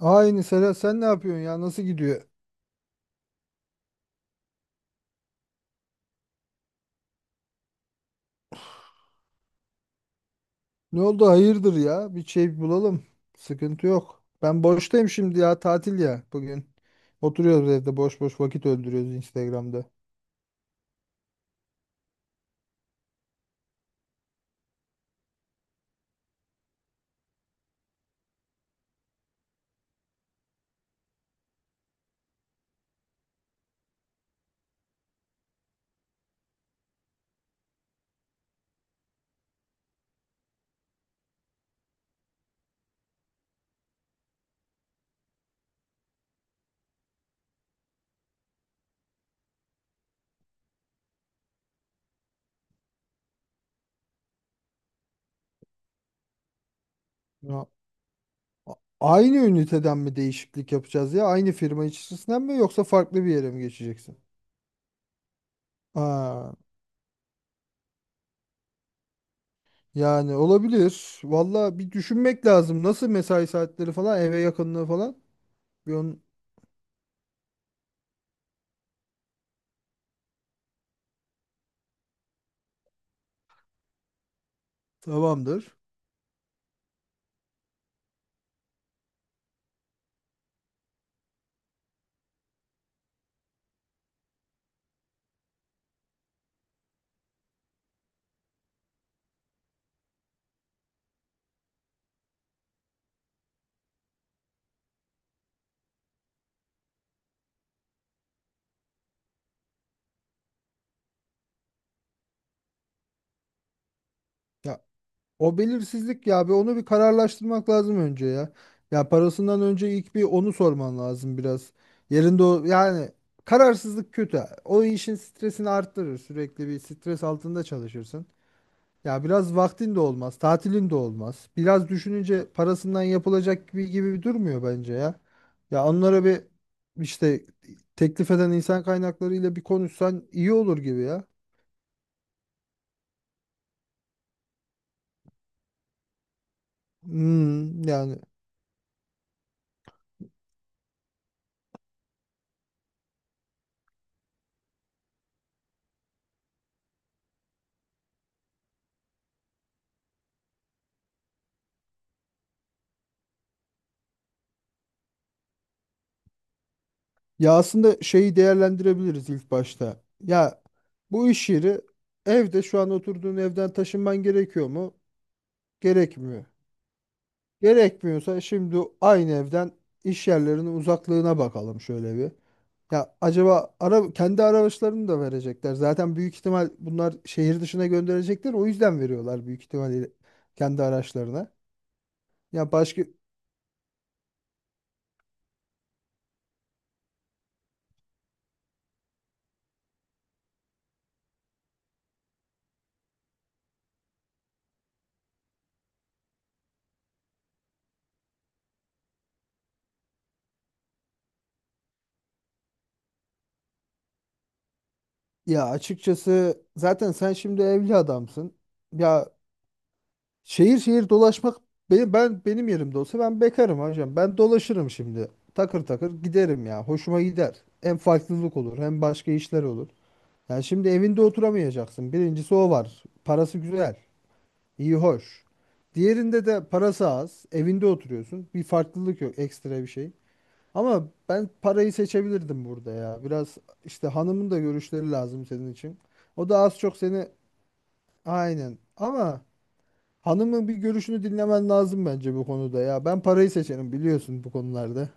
Aynı Serhat sen ne yapıyorsun ya? Nasıl gidiyor? Ne oldu? Hayırdır ya? Bir şey bulalım. Sıkıntı yok. Ben boştayım şimdi ya. Tatil ya bugün. Oturuyoruz evde boş boş vakit öldürüyoruz Instagram'da. Ya, a- aynı üniteden mi değişiklik yapacağız ya? Aynı firma içerisinden mi yoksa farklı bir yere mi geçeceksin? Aa, yani olabilir. Valla bir düşünmek lazım. Nasıl mesai saatleri falan, eve yakınlığı falan. Bir onun- Tamamdır. Ya, o belirsizlik ya, bir onu bir kararlaştırmak lazım önce ya. Ya parasından önce ilk bir onu sorman lazım biraz. Yerinde o yani, kararsızlık kötü. O işin stresini arttırır. Sürekli bir stres altında çalışırsın. Ya biraz vaktin de olmaz, tatilin de olmaz. Biraz düşününce parasından yapılacak gibi gibi durmuyor bence ya. Ya onlara bir işte teklif eden insan kaynaklarıyla bir konuşsan iyi olur gibi ya. Hmm, yani. Ya aslında şeyi değerlendirebiliriz ilk başta. Ya bu iş yeri, evde şu an oturduğun evden taşınman gerekiyor mu? Gerekmiyor. Gerekmiyorsa şimdi aynı evden iş yerlerinin uzaklığına bakalım şöyle bir. Ya acaba ara, kendi araçlarını da verecekler. Zaten büyük ihtimal bunlar şehir dışına gönderecekler. O yüzden veriyorlar büyük ihtimalle, kendi araçlarına. Ya başka Ya açıkçası zaten sen şimdi evli adamsın. Ya, şehir şehir dolaşmak benim yerimde olsa, ben bekarım hocam. Ben dolaşırım şimdi. Takır takır giderim ya. Hoşuma gider. Hem farklılık olur hem başka işler olur. Yani şimdi evinde oturamayacaksın. Birincisi o var. Parası güzel, iyi hoş. Diğerinde de parası az. Evinde oturuyorsun. Bir farklılık yok, ekstra bir şey. Ama ben parayı seçebilirdim burada ya. Biraz işte, hanımın da görüşleri lazım senin için. O da az çok seni aynen. Ama hanımın bir görüşünü dinlemen lazım bence bu konuda ya. Ben parayı seçerim biliyorsun bu konularda.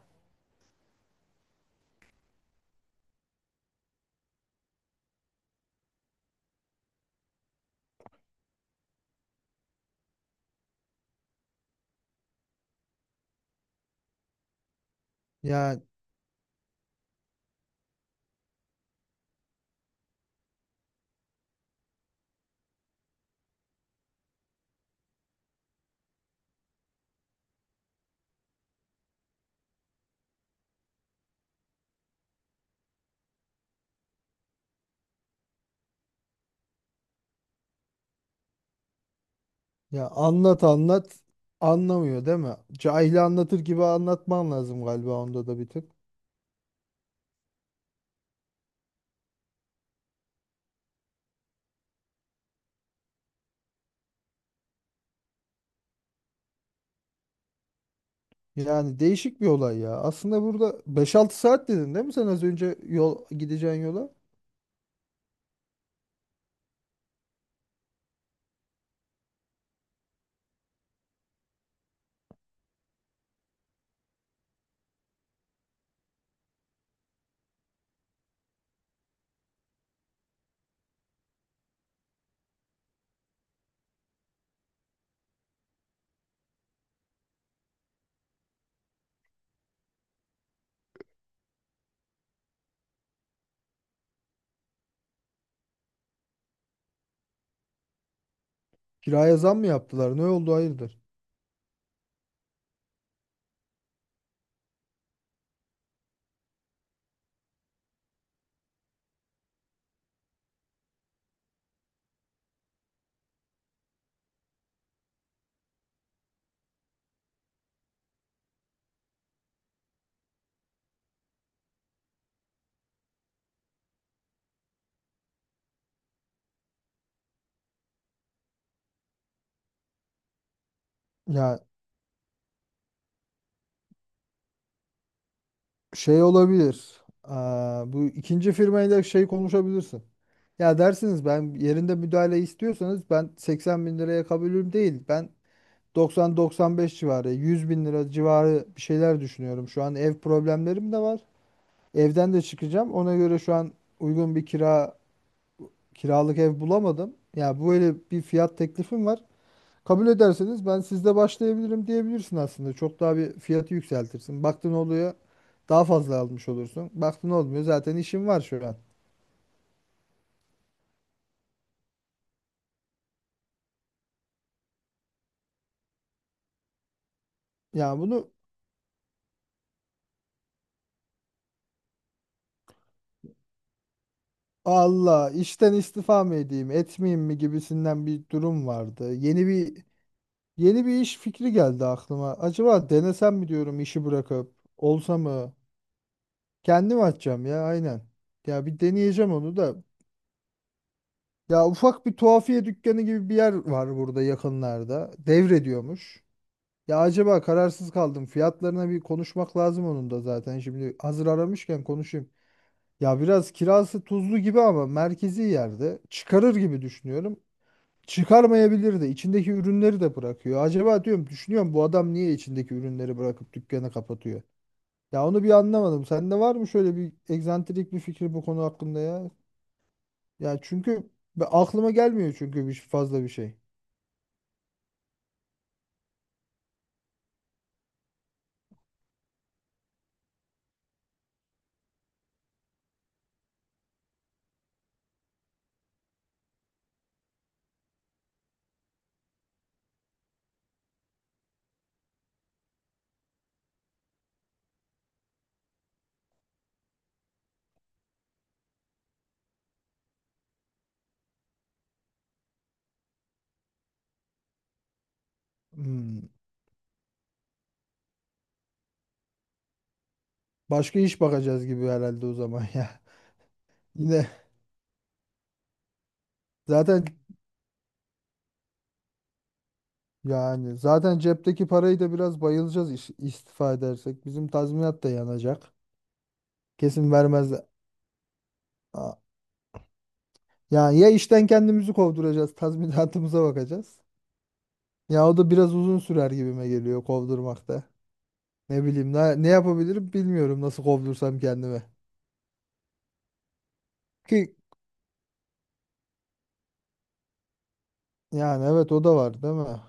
Ya, anlat anlat anlamıyor değil mi? Cahili anlatır gibi anlatman lazım galiba onda da bir tık. Yani değişik bir olay ya. Aslında burada 5-6 saat dedin değil mi sen az önce yol gideceğin yola? Kiraya zam mı yaptılar? Ne oldu hayırdır? Ya şey olabilir. Aa, bu ikinci firmayla şey konuşabilirsin. Ya dersiniz, ben yerinde müdahale istiyorsanız, ben 80 bin liraya kabulüm değil. Ben 90-95 civarı, 100 bin lira civarı bir şeyler düşünüyorum. Şu an ev problemlerim de var. Evden de çıkacağım. Ona göre şu an uygun bir kiralık ev bulamadım. Ya böyle bir fiyat teklifim var. Kabul ederseniz ben sizde başlayabilirim diyebilirsin aslında. Çok daha bir fiyatı yükseltirsin. Baktın oluyor, daha fazla almış olursun. Baktın olmuyor, zaten işim var şu an. Yani bunu, Allah, işten istifa mı edeyim etmeyeyim mi gibisinden bir durum vardı. Yeni bir iş fikri geldi aklıma. Acaba denesem mi diyorum işi bırakıp olsa mı? Kendim açacağım ya, aynen. Ya bir deneyeceğim onu da. Ya ufak bir tuhafiye dükkanı gibi bir yer var burada yakınlarda. Devrediyormuş. Ya acaba, kararsız kaldım. Fiyatlarına bir konuşmak lazım onun da zaten. Şimdi hazır aramışken konuşayım. Ya biraz kirası tuzlu gibi ama merkezi yerde çıkarır gibi düşünüyorum. Çıkarmayabilir de, içindeki ürünleri de bırakıyor. Acaba diyorum, düşünüyorum, bu adam niye içindeki ürünleri bırakıp dükkanı kapatıyor? Ya onu bir anlamadım. Sende var mı şöyle bir egzantrik bir fikir bu konu hakkında ya? Ya çünkü aklıma gelmiyor çünkü bir fazla bir şey. Hmm. Başka iş bakacağız gibi herhalde o zaman ya. Yine zaten Yani zaten cepteki parayı da biraz bayılacağız, istifa edersek. Bizim tazminat da yanacak. Kesin vermezler. Aa, yani ya, işten kendimizi kovduracağız, tazminatımıza bakacağız. Ya o da biraz uzun sürer gibime geliyor kovdurmakta. Ne bileyim, ne yapabilirim bilmiyorum, nasıl kovdursam kendimi. Ki yani evet, o da var değil mi?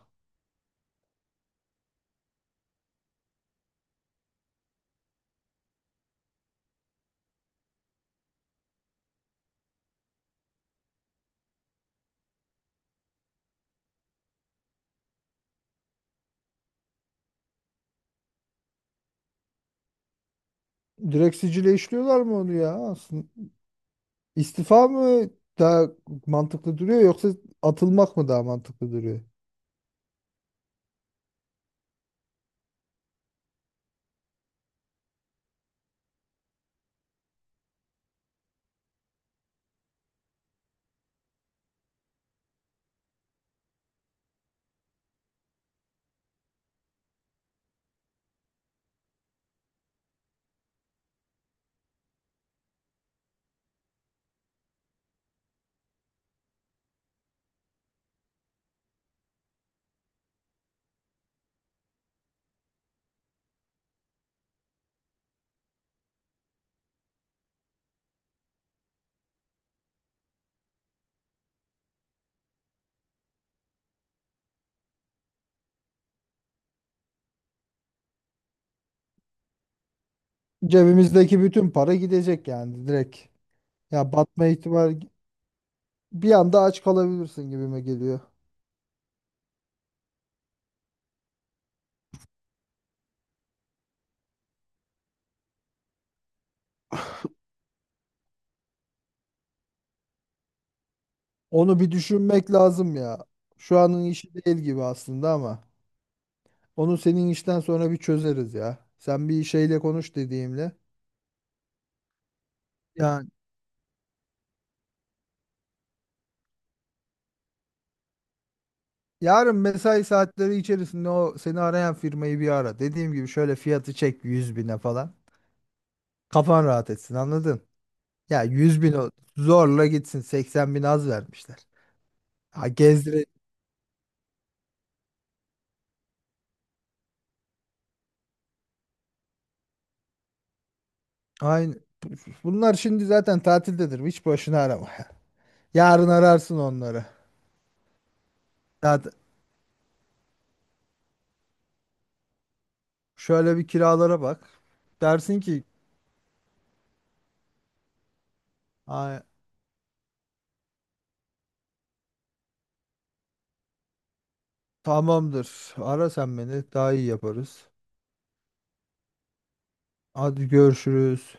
Direkt sicile işliyorlar mı onu ya? Aslında istifa mı daha mantıklı duruyor yoksa atılmak mı daha mantıklı duruyor? Cebimizdeki bütün para gidecek yani direkt. Ya batma ihtimali, bir anda aç kalabilirsin gibime geliyor. Onu bir düşünmek lazım ya. Şu anın işi değil gibi aslında ama onu senin işten sonra bir çözeriz ya. Sen bir şeyle konuş dediğimle. Yani yarın mesai saatleri içerisinde o seni arayan firmayı bir ara. Dediğim gibi şöyle fiyatı çek, 100 bine falan. Kafan rahat etsin, anladın? Ya 100 bin, zorla gitsin, 80 bin az vermişler. Ha gezdire, aynı. Bunlar şimdi zaten tatildedir. Hiç boşuna arama. Yarın ararsın onları. Zaten şöyle bir kiralara bak. Dersin ki "Ay, tamamdır. Ara sen beni. Daha iyi yaparız. Hadi görüşürüz."